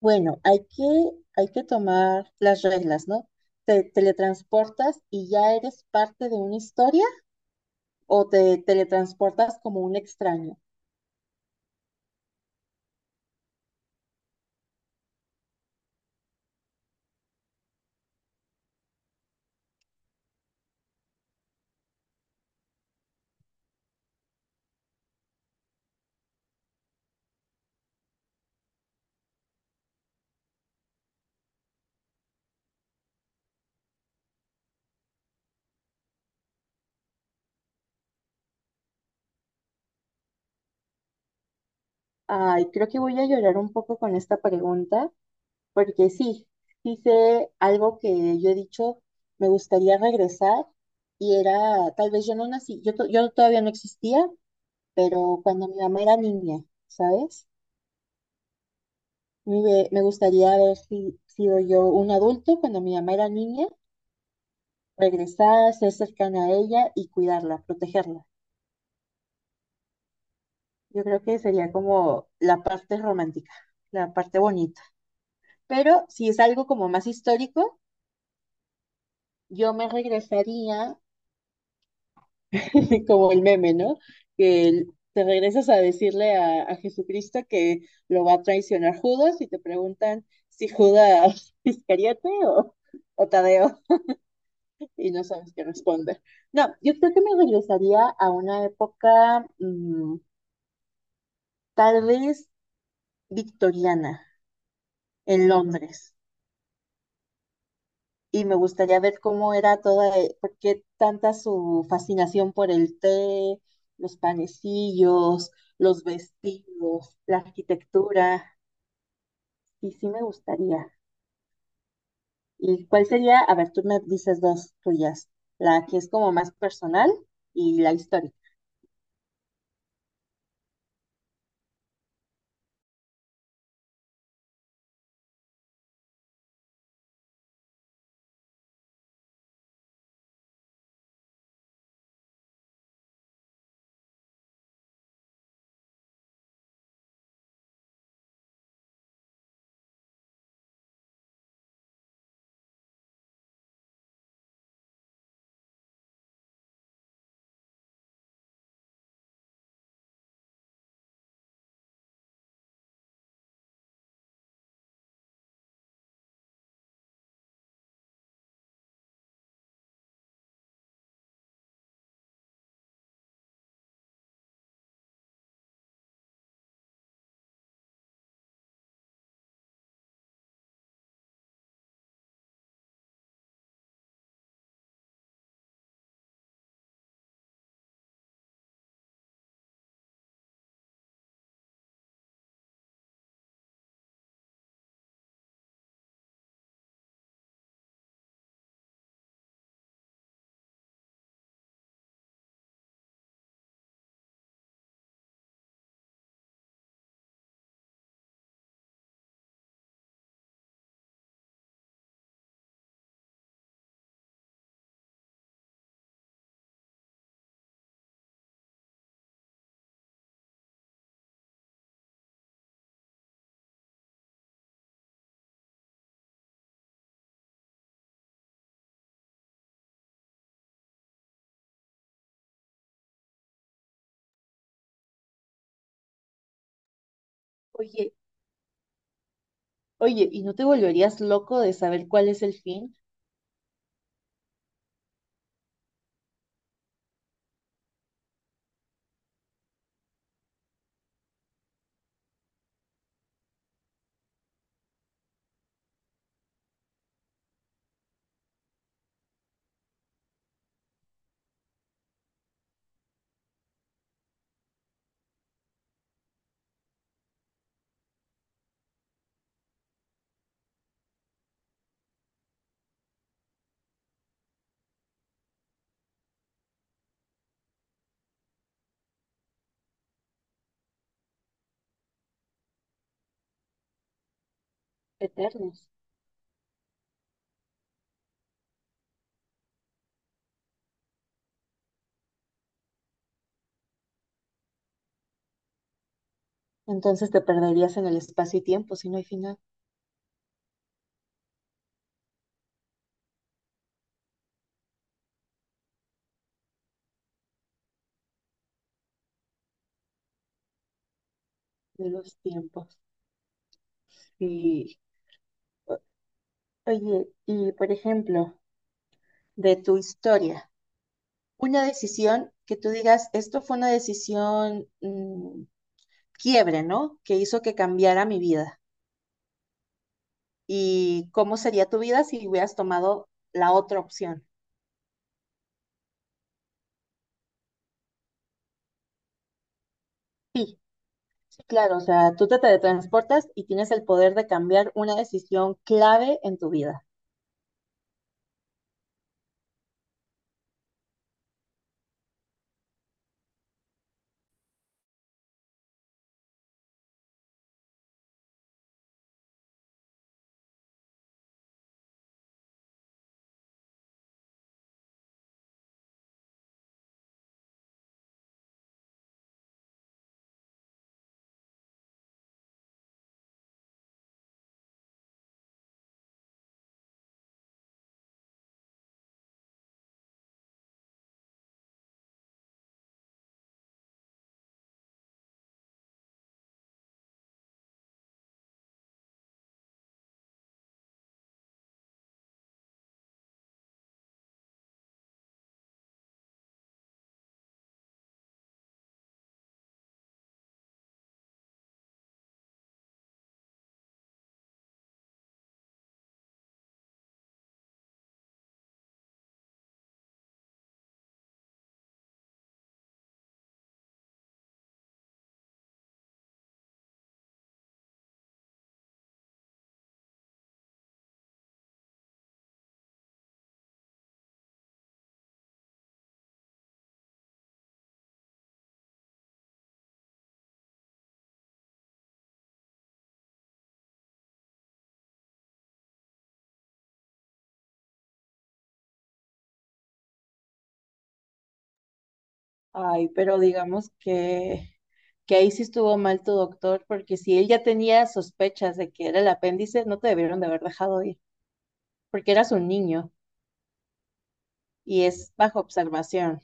Bueno, hay que tomar las reglas, ¿no? ¿Te teletransportas y ya eres parte de una historia o te teletransportas como un extraño? Ay, creo que voy a llorar un poco con esta pregunta, porque sí, hice algo que yo he dicho, me gustaría regresar y era, tal vez yo no nací, yo todavía no existía, pero cuando mi mamá era niña, ¿sabes? Me gustaría haber si- sido yo un adulto cuando mi mamá era niña regresar, ser cercana a ella y cuidarla, protegerla. Yo creo que sería como la parte romántica, la parte bonita. Pero si es algo como más histórico, yo me regresaría como el meme, ¿no? Que te regresas a decirle a Jesucristo que lo va a traicionar Judas y te preguntan si Judas Iscariote o Tadeo y no sabes qué responder. No, yo creo que me regresaría a una época, tal vez victoriana en Londres y me gustaría ver cómo era toda, por qué tanta su fascinación por el té, los panecillos, los vestidos, la arquitectura. Y sí me gustaría. ¿Y cuál sería? A ver, tú me dices dos tuyas, la que es como más personal y la histórica. Oye, oye, ¿y no te volverías loco de saber cuál es el fin? Eternos. Entonces te perderías en el espacio y tiempo si no hay final de los tiempos. Sí. O- Oye, y por ejemplo, de tu historia, una decisión que tú digas, esto fue una decisión quiebre, ¿no? Que hizo que cambiara mi vida. ¿Y cómo sería tu vida si hubieras tomado la otra opción? Sí, sí, claro, o sea, tú te teletransportas y tienes el poder de cambiar una decisión clave en tu vida. Ay, pero digamos que ahí sí estuvo mal tu doctor, porque si él ya tenía sospechas de que era el apéndice, no te debieron de haber dejado ir, porque eras un niño y es bajo observación.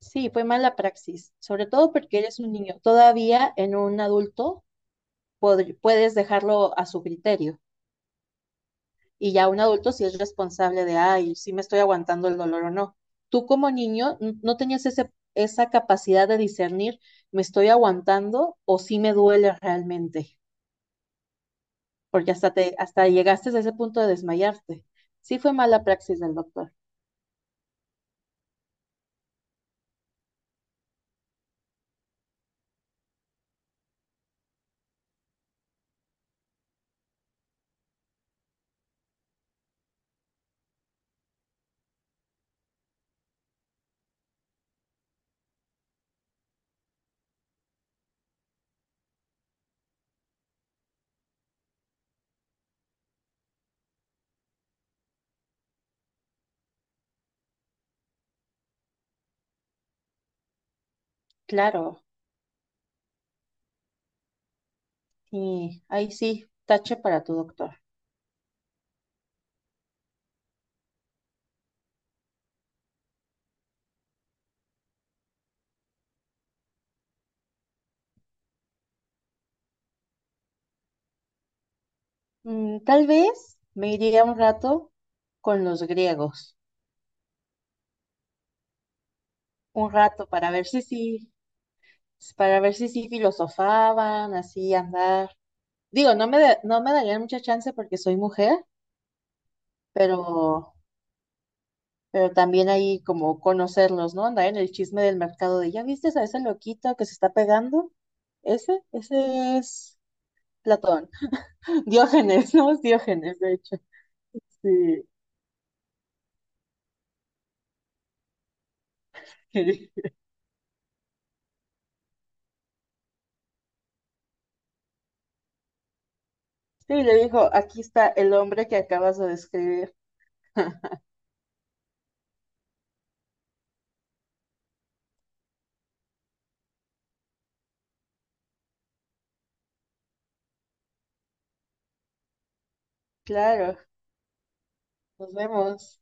Sí, fue mala praxis, sobre todo porque eres un niño. Todavía en un adulto puedes dejarlo a su criterio y ya un adulto sí es responsable de, ay, si me estoy aguantando el dolor o no. Tú como niño no tenías esa capacidad de discernir, me estoy aguantando o si me duele realmente, porque hasta llegaste a ese punto de desmayarte. Sí fue mala praxis del doctor, claro. Y ahí sí, tache para tu doctor. Mm, tal vez me iría un rato con los griegos, un rato para ver si sí, para ver si sí filosofaban, así andar. Digo, no me darían mucha chance porque soy mujer, pero, pero también ahí como conocerlos, ¿no? Andar en el chisme del mercado de, ¿ya viste a ese loquito que se está pegando? Ese es Platón, Diógenes, ¿no? Es Diógenes, de hecho, sí. Sí, le dijo, aquí está el hombre que acabas de describir. Claro, nos vemos.